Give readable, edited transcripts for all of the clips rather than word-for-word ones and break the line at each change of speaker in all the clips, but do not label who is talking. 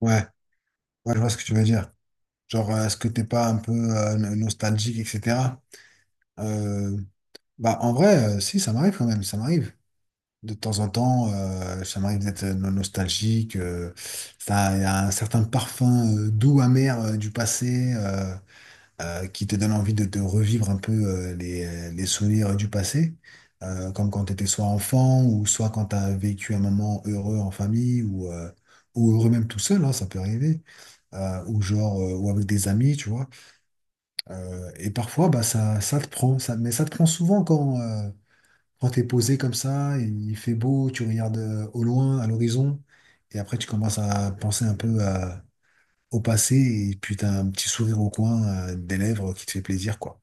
Ouais, ouais, je vois ce que tu veux dire. Genre, est-ce que t'es pas un peu nostalgique, etc. Euh, bah, en vrai, si, ça m'arrive quand même, ça m'arrive. De temps en temps, ça m'arrive d'être nostalgique. Ça, il y a un certain parfum doux, amer du passé. Qui te donne envie de te revivre un peu les souvenirs du passé, comme quand tu étais soit enfant ou soit quand tu as vécu un moment heureux en famille ou heureux même tout seul, hein, ça peut arriver, ou avec des amis, tu vois. Et parfois, bah, ça te prend, ça, mais ça te prend souvent quand tu es posé comme ça, il fait beau, tu regardes au loin, à l'horizon, et après tu commences à penser un peu au passé, et puis tu as un petit sourire au coin des lèvres qui te fait plaisir, quoi.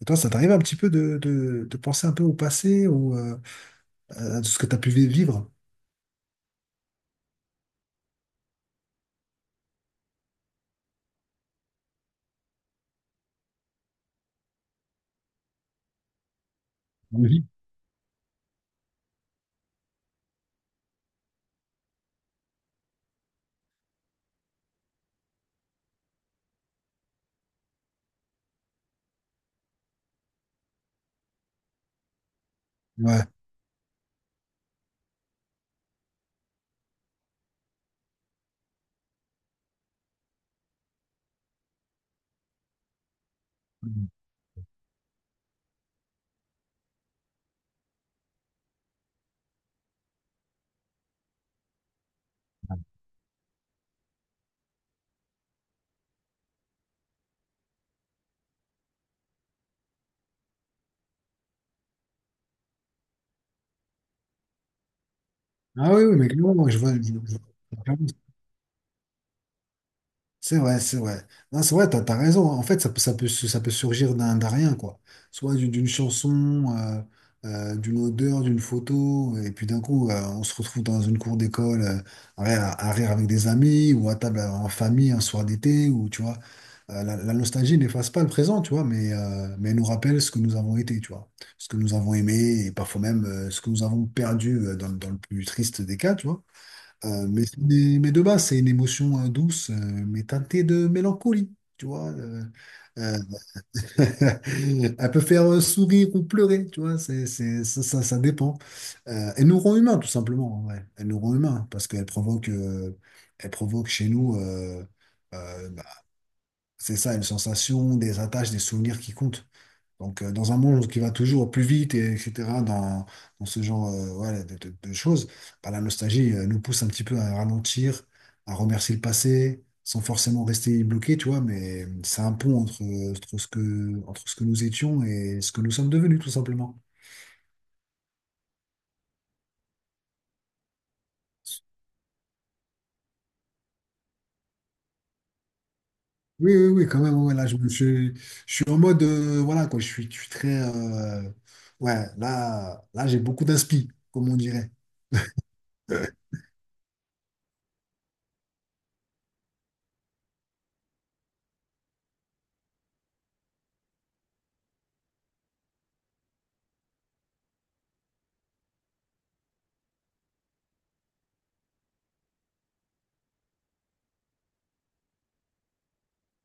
Et toi, ça t'arrive un petit peu de penser un peu au passé ou à tout ce que tu as pu vivre? Oui. Ouais. Ah oui, oui, mais clairement, moi, je vois, vois- C'est vrai, c'est vrai. Non, c'est vrai, t'as raison. En fait, ça peut, ça peut surgir d'un rien, quoi. Soit d'une chanson, d'une odeur, d'une photo, et puis d'un coup, on se retrouve dans une cour d'école, à rire avec des amis, ou à table en famille un soir d'été, ou tu vois. La nostalgie n'efface pas le présent, tu vois, mais elle nous rappelle ce que nous avons été, tu vois. Ce que nous avons aimé, et parfois même ce que nous avons perdu dans le plus triste des cas, tu vois. Euh, mais, c'est mais de base, c'est une émotion douce, mais teintée de mélancolie, tu vois. Euh, Elle peut faire sourire ou pleurer, tu vois, ça dépend. Elle nous rend humains, tout simplement, ouais. Elle nous rend humains, parce qu'elle provoque, elle provoque chez nous, bah, c'est ça, une sensation, des attaches, des souvenirs qui comptent. Donc, dans un monde qui va toujours au plus vite, et, etc., dans ce genre voilà, de choses, bah, la nostalgie nous pousse un petit peu à ralentir, à remercier le passé, sans forcément rester bloqué, tu vois, mais c'est un pont entre ce que nous étions et ce que nous sommes devenus, tout simplement. Oui, oui, oui, quand même, ouais, là, je, me suis- je suis en mode, voilà, quoi, je suis très, ouais, j'ai beaucoup d'inspi, comme on dirait.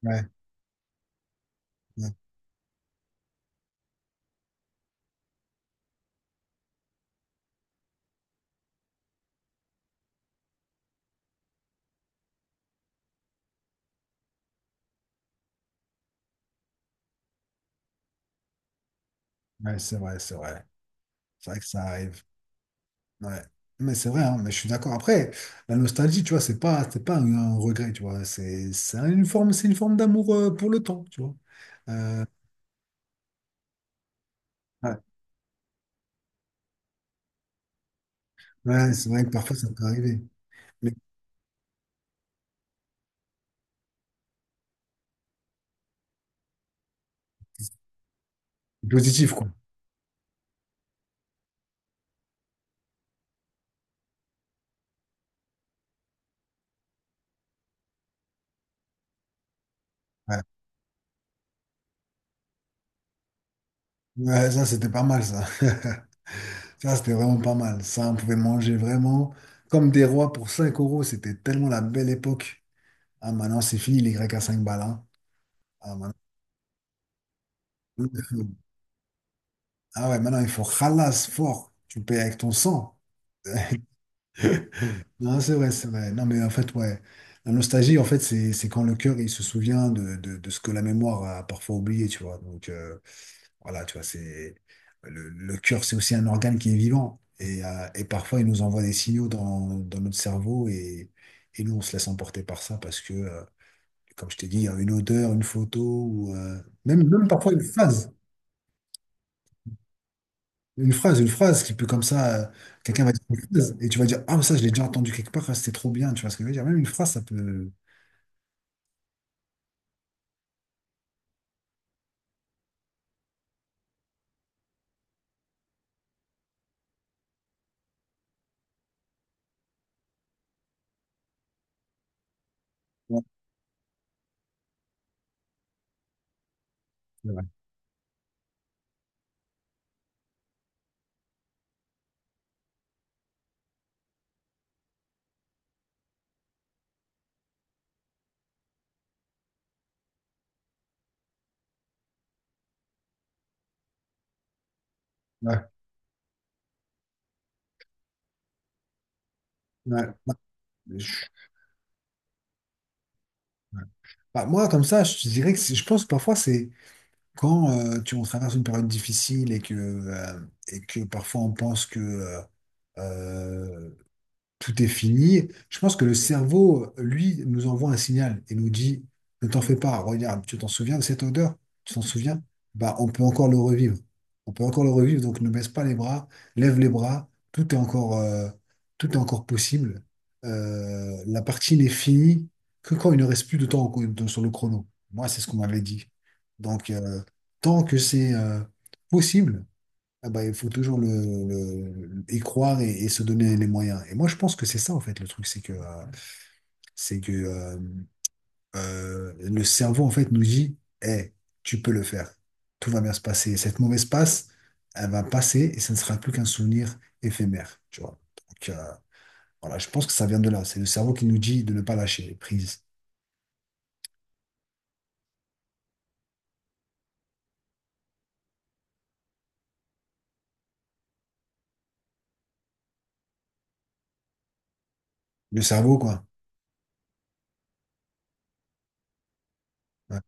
Ouais, ouais, ouais, c'est vrai, c'est vrai. C'est vrai que ça arrive. Ouais, mais c'est vrai, hein, mais je suis d'accord. Après, la nostalgie, tu vois, c'est pas un regret, tu vois. C'est une forme d'amour pour le temps, tu vois. Euh, ouais, ouais, c'est vrai que parfois ça peut arriver. Mais positif, quoi. Ouais, ouais, ça, c'était pas mal, ça. Ça, c'était vraiment pas mal. Ça, on pouvait manger vraiment comme des rois pour 5 euros. C'était tellement la belle époque. Ah, maintenant, c'est fini, les Grecs à 5 balles. Hein. Ah, maintenant- Ah ouais, maintenant, il faut ralasse fort. Tu payes avec ton sang. Non, c'est vrai, c'est vrai. Non, mais en fait, ouais. La nostalgie, en fait, c'est quand le cœur, il se souvient de ce que la mémoire a parfois oublié, tu vois. Donc, voilà, tu vois, c'est... le cœur, c'est aussi un organe qui est vivant. Et parfois, il nous envoie des signaux dans notre cerveau et nous, on se laisse emporter par ça parce que, comme je t'ai dit, il y a une odeur, une photo ou... même parfois une phrase. Une phrase qui peut comme ça... quelqu'un va dire une phrase et tu vas dire, ah, ça, je l'ai déjà entendu quelque part, ah, c'était trop bien, tu vois ce que je veux dire. Même une phrase, ça peut... Ouais, ouais, ouais. Bah, je- ouais. Bah, moi, comme ça, je pense que parfois, c'est quand on traverse une période difficile et que parfois on pense que euh, tout est fini. Je pense que le cerveau, lui, nous envoie un signal et nous dit, ne t'en fais pas, regarde, tu t'en souviens de cette odeur? Tu t'en souviens? Bah, on peut encore le revivre. On peut encore le revivre, donc ne baisse pas les bras, lève les bras, tout est encore possible. La partie n'est finie que quand il ne reste plus de temps sur le chrono. Moi, c'est ce qu'on m'avait dit. Donc, tant que c'est possible, ah bah, il faut toujours y croire et se donner les moyens. Et moi, je pense que c'est ça, en fait, le truc, c'est que le cerveau, en fait, nous dit, eh, tu peux le faire. Tout va bien se passer. Cette mauvaise passe, elle va passer et ça ne sera plus qu'un souvenir éphémère, tu vois. Donc, voilà, je pense que ça vient de là. C'est le cerveau qui nous dit de ne pas lâcher prise. Le cerveau, quoi. Ouais,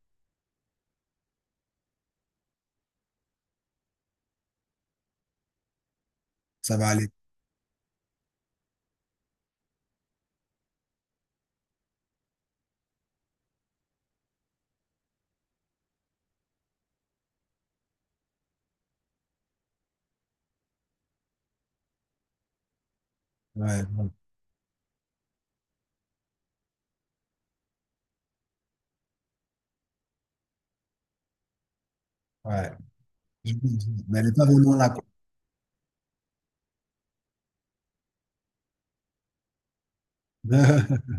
ça va aller. Ouais, ouais. Ouais. Mais elle n'est pas vraiment là, quoi.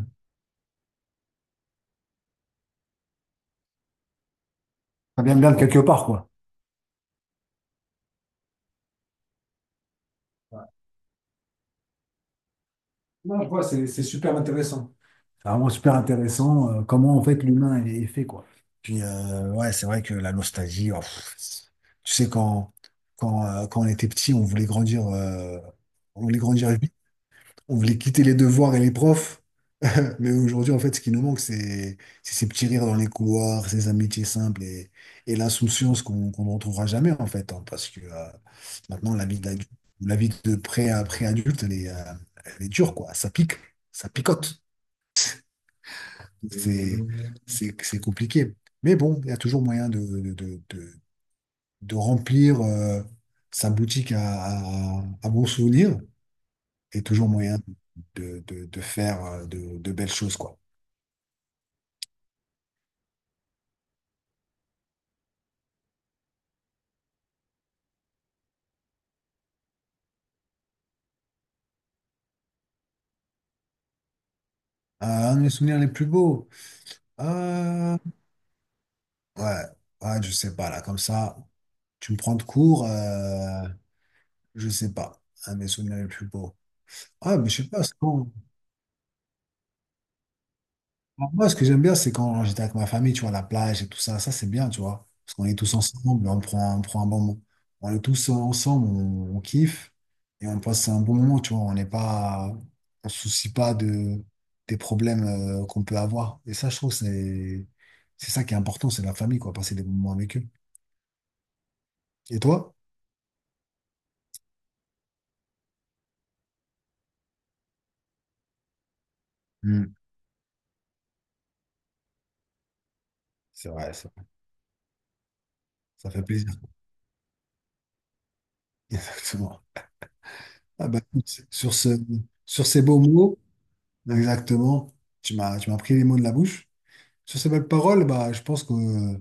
Ça vient bien de quelque part, quoi. Non, ouais, c'est super intéressant. C'est vraiment super intéressant, comment en fait l'humain est fait, quoi. Puis, ouais, c'est vrai que la nostalgie, oh, pff, tu sais, quand on était petit, on voulait grandir vite, on voulait quitter les devoirs et les profs. Mais aujourd'hui, en fait, ce qui nous manque, c'est ces petits rires dans les couloirs, ces amitiés simples et l'insouciance qu'on ne retrouvera jamais, en fait. Hein, parce que maintenant, la vie d'adulte, la vie de pré-adulte, elle est dure, quoi. Ça pique, ça picote. C'est c'est compliqué. Mais bon, il y a toujours moyen de remplir sa boutique à bons souvenirs et toujours moyen de faire de belles choses, quoi. Ah, un de mes souvenirs les plus beaux. Euh, ouais, ouais, je sais pas, là, comme ça, tu me prends de court, je sais pas, un de mes souvenirs les plus beaux. Ah, mais je sais pas, c'est quand? Alors, moi, ce que j'aime bien, c'est quand j'étais avec ma famille, tu vois, la plage et tout ça, ça c'est bien, tu vois, parce qu'on est tous ensemble, on prend un bon moment. On est tous ensemble, on kiffe et on passe un bon moment, tu vois, on se soucie pas de, des problèmes qu'on peut avoir. Et ça, je trouve, c'est ça qui est important, c'est la famille, quoi, passer des bons moments avec eux. Et toi? Hmm. C'est vrai, ça fait plaisir. Exactement. Ah bah, écoute, sur ce, sur ces beaux mots, exactement, tu m'as pris les mots de la bouche. Sur ces belles paroles, bah, je pense que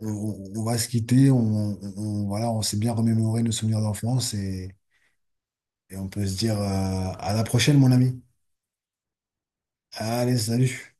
on- va se quitter. On, voilà, on s'est bien remémoré nos souvenirs d'enfance et on peut se dire à la prochaine, mon ami. Allez, salut.